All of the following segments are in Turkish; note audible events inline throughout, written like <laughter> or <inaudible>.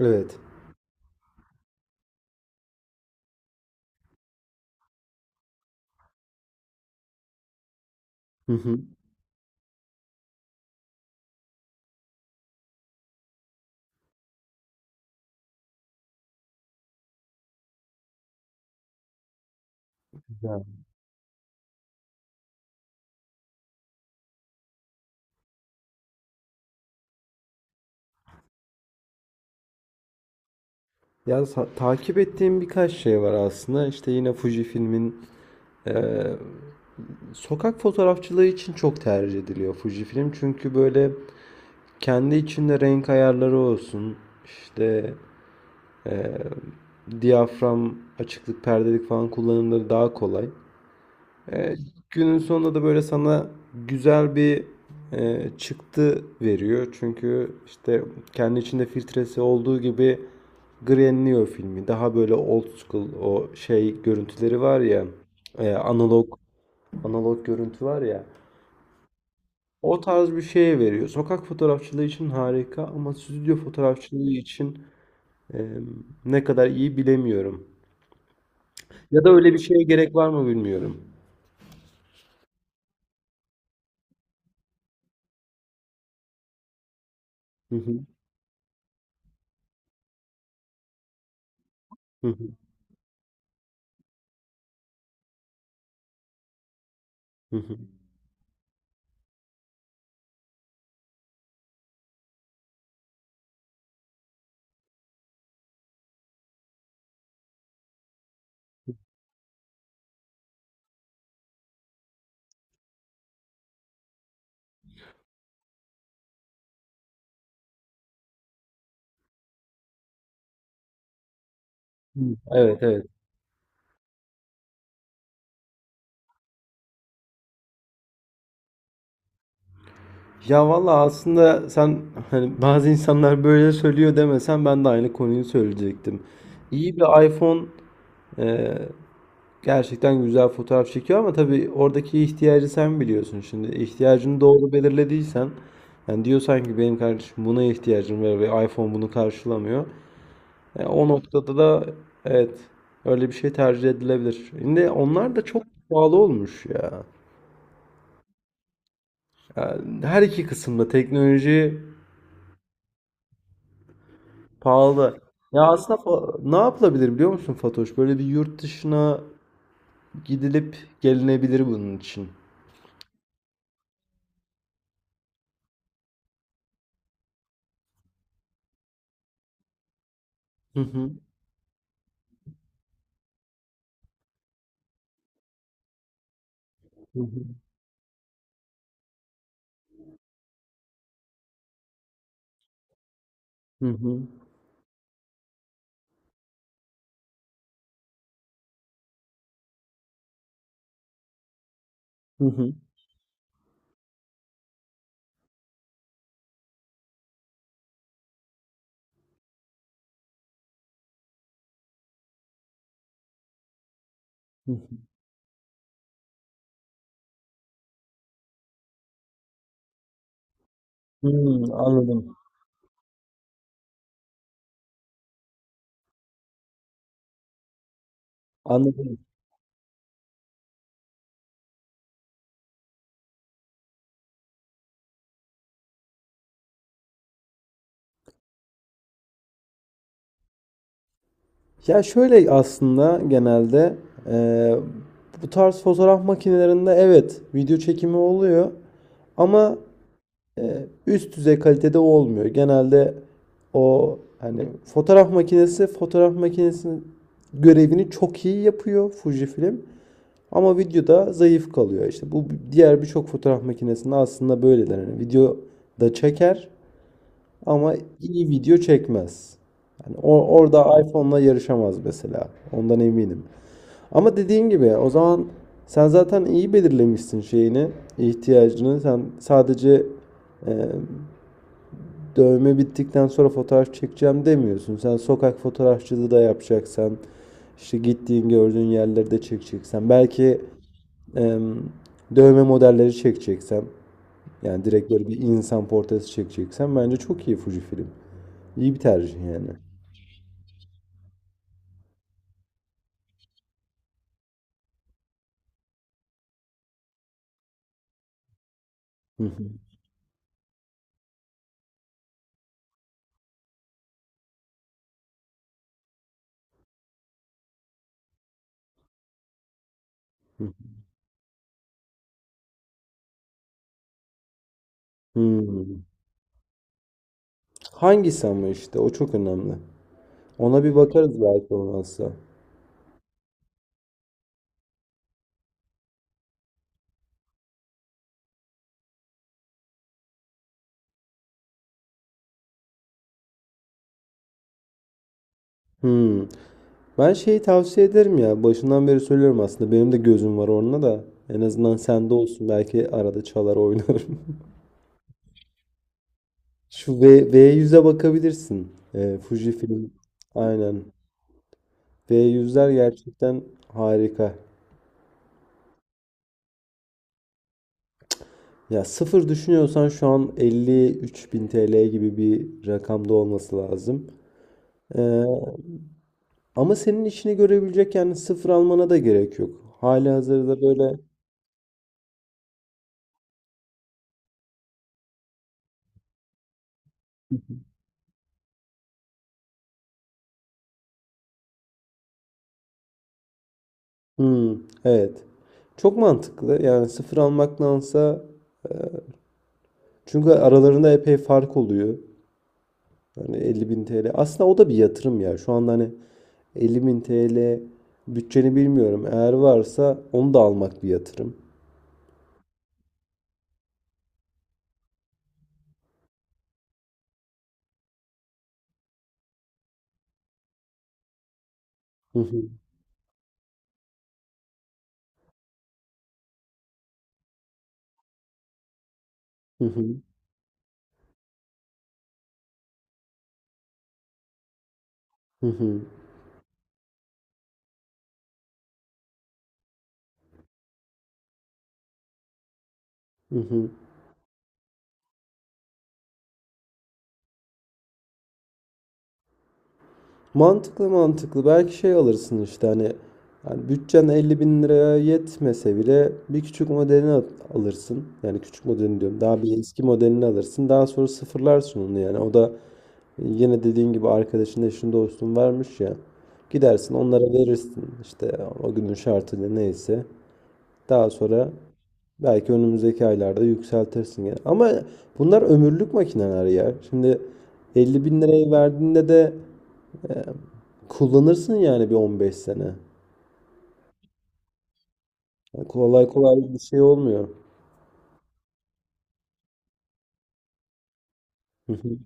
Evet. Hı hı. Güzel. Ya takip ettiğim birkaç şey var aslında. İşte yine Fujifilm'in eee, sokak fotoğrafçılığı için çok tercih ediliyor Fujifilm. Çünkü böyle kendi içinde renk ayarları olsun. İşte eee, diyafram, açıklık, perdelik falan kullanımları daha kolay. E, Günün sonunda da böyle sana güzel bir çıktı veriyor. Çünkü işte kendi içinde filtresi olduğu gibi grainliyor filmi. Daha böyle old school o şey görüntüleri var ya, e, analog analog görüntü var ya. O tarz bir şeye veriyor. Sokak fotoğrafçılığı için harika ama stüdyo fotoğrafçılığı için e, ne kadar iyi bilemiyorum. Ya da öyle bir şeye gerek var mı bilmiyorum. Hı hı, hı hı, hı hı. Hı, evet, evet. Ya valla aslında sen hani bazı insanlar böyle söylüyor demesen ben de aynı konuyu söyleyecektim. İyi bir iPhone e, gerçekten güzel fotoğraf çekiyor ama tabii oradaki ihtiyacı sen biliyorsun. Şimdi ihtiyacını doğru belirlediysen yani diyorsan ki benim kardeşim buna ihtiyacım var ve iPhone bunu karşılamıyor. O noktada da evet öyle bir şey tercih edilebilir. Şimdi onlar da çok pahalı olmuş ya. Yani her iki kısımda teknoloji. Pahalı. Ya aslında ne yapılabilir biliyor musun Fatoş? Böyle bir yurt dışına gidilip gelinebilir bunun için. Hı hı. Hı hı. Hı hı. Hı hı. Hı hı. Hmm, anladım. Anladım. Ya şöyle aslında genelde eee, bu tarz fotoğraf makinelerinde evet video çekimi oluyor ama üst düzey kalitede olmuyor. Genelde o hani fotoğraf makinesinin görevini çok iyi yapıyor Fujifilm. Ama videoda zayıf kalıyor. İşte bu diğer birçok fotoğraf makinesinde aslında böyledir. Hani video da çeker ama iyi video çekmez. Yani orada iPhone'la yarışamaz mesela. Ondan eminim. Ama dediğin gibi o zaman sen zaten iyi belirlemişsin şeyini, ihtiyacını. Sen sadece e, dövme bittikten sonra fotoğraf çekeceğim demiyorsun. Sen sokak fotoğrafçılığı da yapacaksan, işte gittiğin gördüğün yerleri de çekeceksen, belki em, dövme modelleri çekeceksen, yani direkt böyle bir insan portresi çekeceksen bence çok iyi Fuji film. İyi bir tercih yani. Hı hı, hı. Hmm. Hangisi ama işte o çok önemli. Ona bir bakarız belki olmazsa. Hmm. Ben şeyi tavsiye ederim ya. Başından beri söylüyorum aslında. Benim de gözüm var onunla da. En azından sende olsun. Belki arada çalar oynarım. <laughs> Şu V, V100'e bakabilirsin. Fujifilm. Aynen. V yüzler gerçekten harika. Ya sıfır düşünüyorsan şu an 53.000 TL gibi bir rakamda olması lazım. Ee, Ama senin işini görebilecek yani sıfır almana da gerek yok. Halihazırda böyle. Hmm, evet. Çok mantıklı. Yani 0 almaktansa çünkü aralarında epey fark oluyor. Hani 50.000 TL. Aslında o da bir yatırım ya. Şu anda hani 50.000 TL bütçeni bilmiyorum. Eğer varsa onu da almak bir yatırım. Hı hı. Hı hı. Hı hı. Hı hı. Mantıklı mantıklı. Belki şey alırsın işte hani yani bütçen 50 bin liraya yetmese bile bir küçük modelini alırsın. Yani küçük modelini diyorum. Daha bir eski modelini alırsın. Daha sonra sıfırlarsın onu yani. O da yine dediğin gibi arkadaşın eşin dostun vermiş ya. Gidersin onlara verirsin işte o günün şartıyla neyse. Daha sonra belki önümüzdeki aylarda yükseltirsin yani. Ama bunlar ömürlük makineler ya. Şimdi 50 bin lirayı verdiğinde de e, kullanırsın yani bir 15 sene. Yani kolay kolay bir şey olmuyor. <laughs> Hı hı.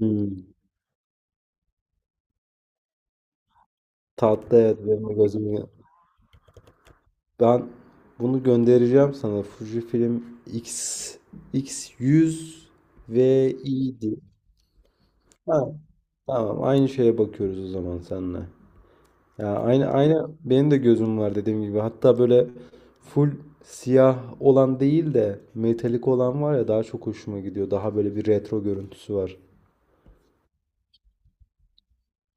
Hmm. Tatlı evet benim de gözümü. Ben bunu göndereceğim sana. Fujifilm X X100 ve iyiydi. Ha, tamam aynı şeye bakıyoruz o zaman seninle. Ya aynı aynı benim de gözüm var dediğim gibi. Hatta böyle full siyah olan değil de metalik olan var ya daha çok hoşuma gidiyor. Daha böyle bir retro görüntüsü var.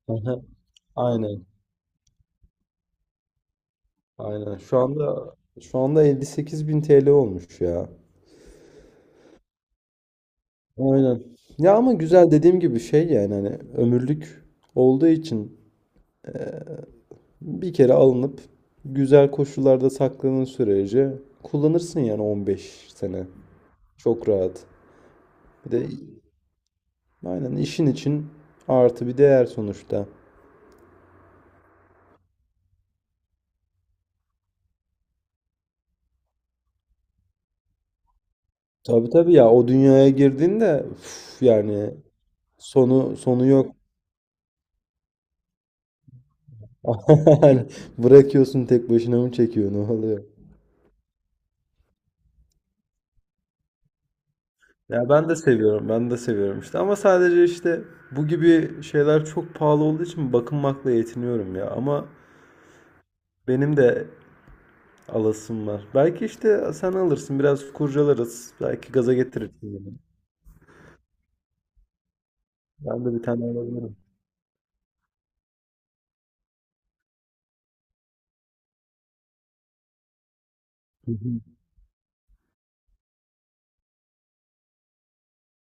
Aha, aynen. Aynen. Şu anda 58 bin TL olmuş ya. Aynen. Ya ama güzel dediğim gibi şey yani hani ömürlük olduğu için bir kere alınıp güzel koşullarda sakladığın sürece kullanırsın yani 15 sene. Çok rahat. Bir de aynen işin için artı bir değer sonuçta. Tabii tabii ya o dünyaya girdiğinde üf, yani sonu yok. <laughs> Aynen. Bırakıyorsun tek başına mı çekiyor ne oluyor? Ya ben de seviyorum işte ama sadece işte bu gibi şeyler çok pahalı olduğu için bakınmakla yetiniyorum ya ama benim de alasım var. Belki işte sen alırsın, biraz kurcalarız, belki gaza getirirsin beni. Ben de bir tane alabilirim. Hı hı.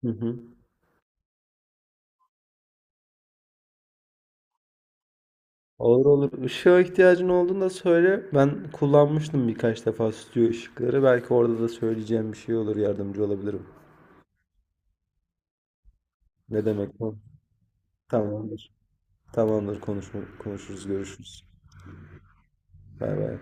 Hı hı. Olur olur. Işığa ihtiyacın olduğunda söyle. Ben kullanmıştım birkaç defa stüdyo ışıkları. Belki orada da söyleyeceğim bir şey olur, yardımcı olabilirim. Ne demek bu? Tamamdır. Tamamdır, konuşuruz, görüşürüz. Bay bay.